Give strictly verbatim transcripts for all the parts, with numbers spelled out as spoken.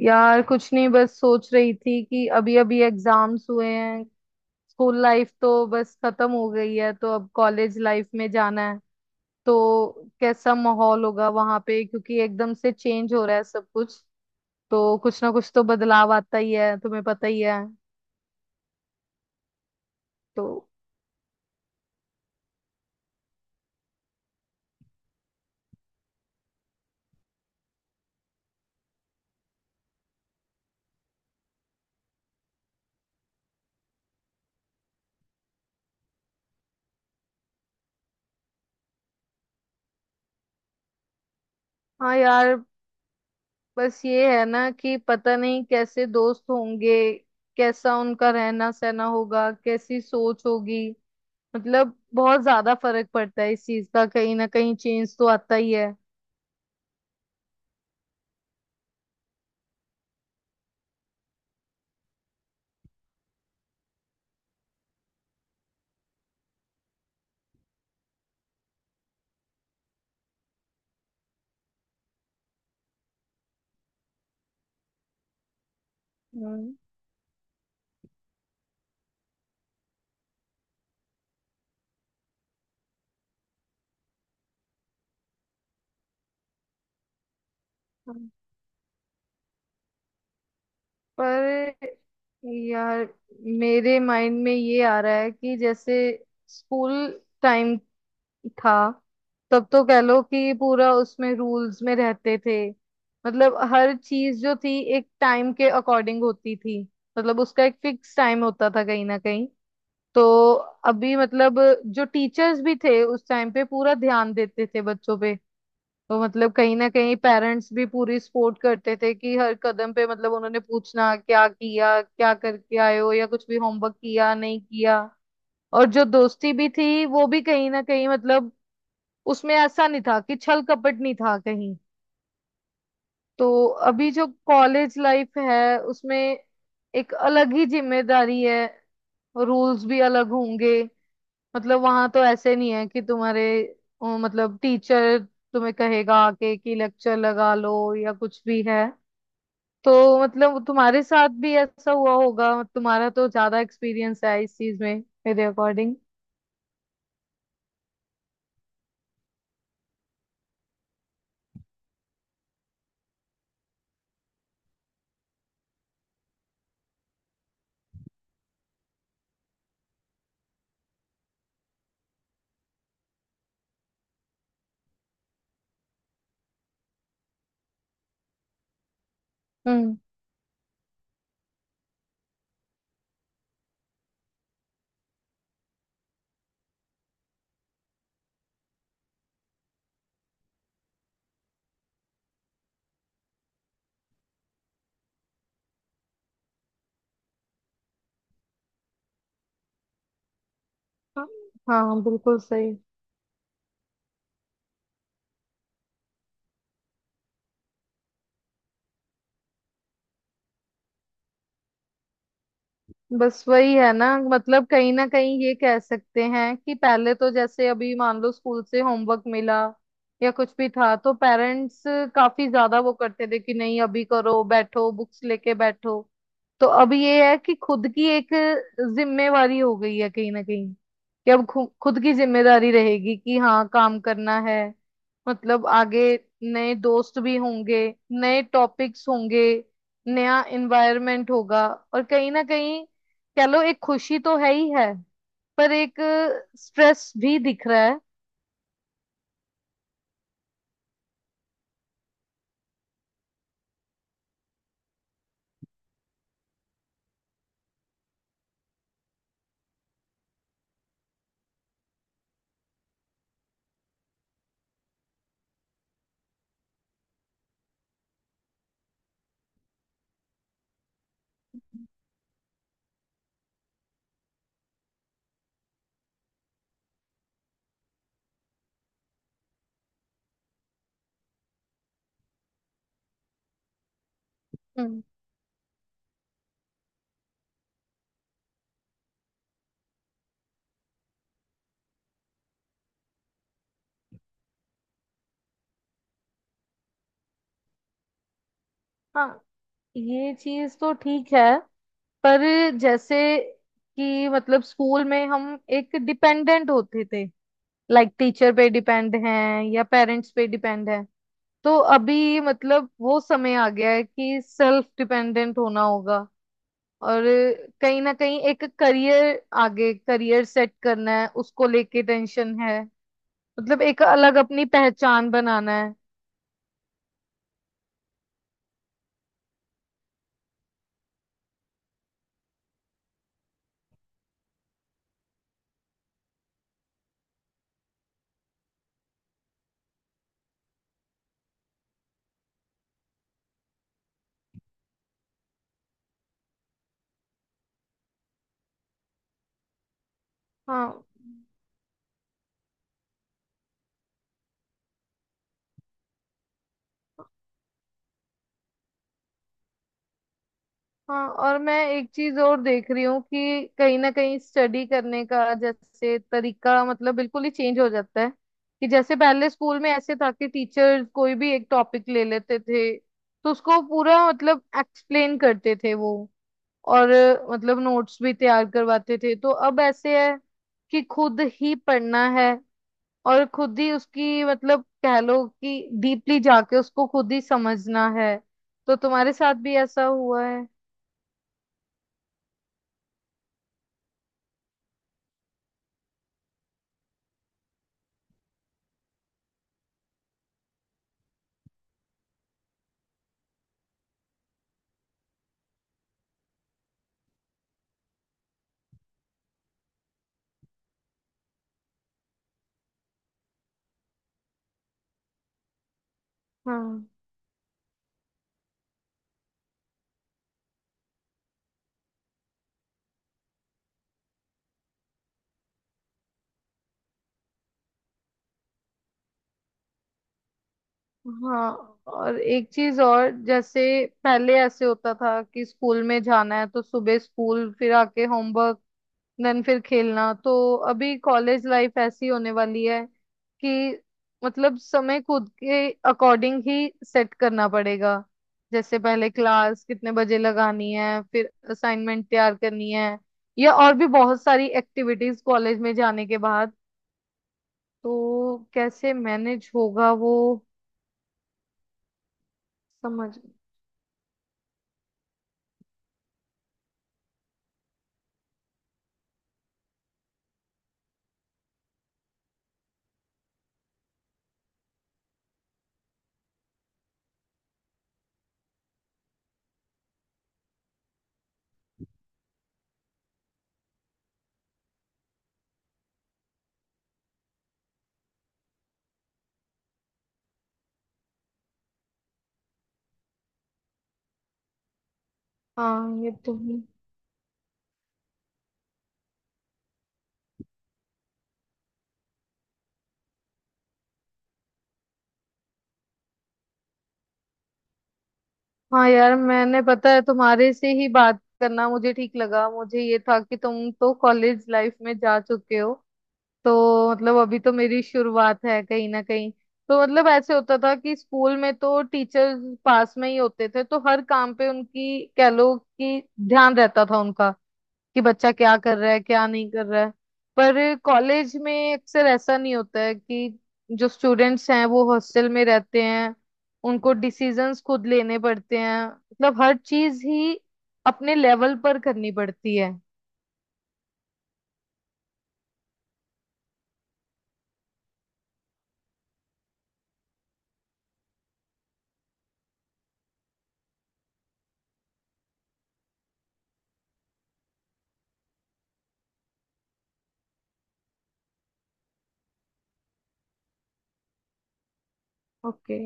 यार कुछ नहीं, बस सोच रही थी कि अभी अभी एग्जाम्स हुए हैं। स्कूल लाइफ तो बस खत्म हो गई है, तो अब कॉलेज लाइफ में जाना है। तो कैसा माहौल होगा वहां पे, क्योंकि एकदम से चेंज हो रहा है सब कुछ। तो कुछ ना कुछ तो बदलाव आता ही है, तुम्हें पता ही है। तो हाँ यार, बस ये है ना कि पता नहीं कैसे दोस्त होंगे, कैसा उनका रहना सहना होगा, कैसी सोच होगी। मतलब बहुत ज्यादा फर्क पड़ता है इस चीज का, कहीं ना कहीं चेंज तो आता ही है। हम्म। हाँ। पर यार, मेरे माइंड में ये आ रहा है कि जैसे स्कूल टाइम था, तब तो कह लो कि पूरा उसमें रूल्स में रहते थे। मतलब हर चीज जो थी एक टाइम के अकॉर्डिंग होती थी। मतलब उसका एक फिक्स टाइम होता था कहीं ना कहीं। तो अभी मतलब जो टीचर्स भी थे उस टाइम पे पूरा ध्यान देते थे बच्चों पे। तो मतलब कहीं ना कहीं पेरेंट्स भी पूरी सपोर्ट करते थे कि हर कदम पे, मतलब उन्होंने पूछना क्या किया, क्या करके आए हो, या कुछ भी होमवर्क किया नहीं किया। और जो दोस्ती भी थी वो भी कहीं ना कहीं, मतलब उसमें ऐसा नहीं था कि छल कपट नहीं था कहीं। तो अभी जो कॉलेज लाइफ है उसमें एक अलग ही जिम्मेदारी है। रूल्स भी अलग होंगे। मतलब वहां तो ऐसे नहीं है कि तुम्हारे अ, मतलब टीचर तुम्हें कहेगा आके कि लेक्चर लगा लो या कुछ भी है। तो मतलब तुम्हारे साथ भी ऐसा हुआ होगा, तुम्हारा तो ज्यादा एक्सपीरियंस है इस चीज में, मेरे अकॉर्डिंग। हम्म। हाँ हाँ, बिल्कुल सही। बस वही है ना, मतलब कहीं ना कहीं ये कह सकते हैं कि पहले तो जैसे अभी मान लो स्कूल से होमवर्क मिला या कुछ भी था, तो पेरेंट्स काफी ज्यादा वो करते थे कि नहीं अभी करो, बैठो बुक्स लेके बैठो। तो अब ये है कि खुद की एक जिम्मेवारी हो गई है कहीं ना कहीं कि अब खु, खुद की जिम्मेदारी रहेगी कि हाँ काम करना है। मतलब आगे नए दोस्त भी होंगे, नए टॉपिक्स होंगे, नया एनवायरनमेंट होगा। और कहीं ना कहीं कह लो एक खुशी तो है ही है, पर एक स्ट्रेस भी दिख रहा है। हम्म। हाँ, ये चीज तो ठीक है। पर जैसे कि मतलब स्कूल में हम एक डिपेंडेंट होते थे, लाइक टीचर पे डिपेंड हैं या पेरेंट्स पे डिपेंड हैं। तो अभी मतलब वो समय आ गया है कि सेल्फ डिपेंडेंट होना होगा। और कहीं ना कहीं एक करियर, आगे करियर सेट करना है उसको लेके टेंशन है। मतलब एक अलग अपनी पहचान बनाना है। हाँ। हाँ, और मैं एक चीज और देख रही हूँ कि कहीं ना कहीं स्टडी करने का जैसे तरीका मतलब बिल्कुल ही चेंज हो जाता है। कि जैसे पहले स्कूल में ऐसे था कि टीचर कोई भी एक टॉपिक ले लेते थे तो उसको पूरा मतलब एक्सप्लेन करते थे वो। और मतलब नोट्स भी तैयार करवाते थे। तो अब ऐसे है कि खुद ही पढ़ना है और खुद ही उसकी मतलब कह लो कि डीपली जाके उसको खुद ही समझना है। तो तुम्हारे साथ भी ऐसा हुआ है। हाँ। हाँ, और एक चीज और, जैसे पहले ऐसे होता था कि स्कूल में जाना है तो सुबह स्कूल, फिर आके होमवर्क, देन फिर खेलना। तो अभी कॉलेज लाइफ ऐसी होने वाली है कि मतलब समय खुद के अकॉर्डिंग ही सेट करना पड़ेगा। जैसे पहले क्लास कितने बजे लगानी है, फिर असाइनमेंट तैयार करनी है, या और भी बहुत सारी एक्टिविटीज कॉलेज में जाने के बाद। तो कैसे मैनेज होगा वो, समझ। हाँ, ये तो है। हाँ यार, मैंने, पता है, तुम्हारे से ही बात करना मुझे ठीक लगा। मुझे ये था कि तुम तो कॉलेज लाइफ में जा चुके हो, तो मतलब अभी तो मेरी शुरुआत है कहीं ना कहीं। तो मतलब ऐसे होता था कि स्कूल में तो टीचर्स पास में ही होते थे, तो हर काम पे उनकी कह लो कि ध्यान रहता था उनका कि बच्चा क्या कर रहा है क्या नहीं कर रहा है। पर कॉलेज में अक्सर ऐसा नहीं होता है कि, जो स्टूडेंट्स हैं वो हॉस्टल में रहते हैं, उनको डिसीजंस खुद लेने पड़ते हैं, मतलब हर चीज ही अपने लेवल पर करनी पड़ती है। ओके।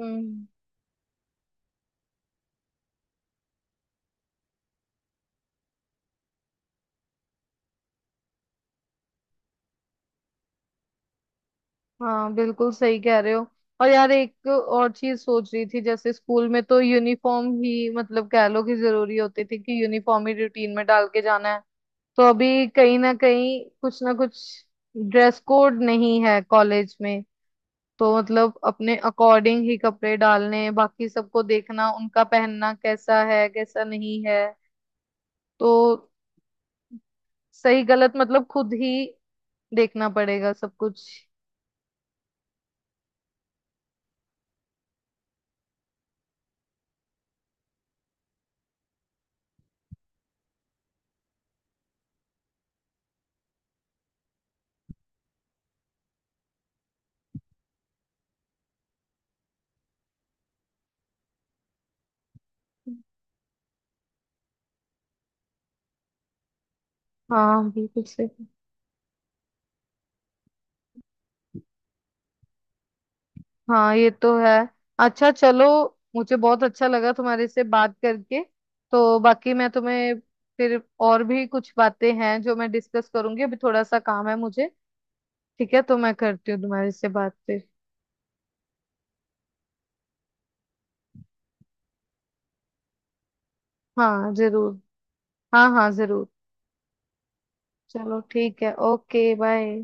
हम्म। हाँ, बिल्कुल सही कह रहे हो। और यार एक और चीज सोच रही थी, जैसे स्कूल में तो यूनिफॉर्म ही मतलब कह लो कि जरूरी होती थी, कि यूनिफॉर्म ही रूटीन में डाल के जाना है। तो अभी कहीं ना कहीं कुछ ना कुछ, ड्रेस कोड नहीं है कॉलेज में, तो मतलब अपने अकॉर्डिंग ही कपड़े डालने, बाकी सबको देखना उनका पहनना कैसा है कैसा नहीं है। तो सही गलत मतलब खुद ही देखना पड़ेगा सब कुछ। हाँ, बिल्कुल सही। हाँ, ये तो है। अच्छा, चलो, मुझे बहुत अच्छा लगा तुम्हारे से बात करके। तो बाकी मैं तुम्हें फिर, और भी कुछ बातें हैं जो मैं डिस्कस करूंगी, अभी थोड़ा सा काम है मुझे। ठीक है, तो मैं करती हूँ तुम्हारे से बात फिर। हाँ जरूर। हाँ हाँ जरूर। चलो ठीक है, ओके बाय।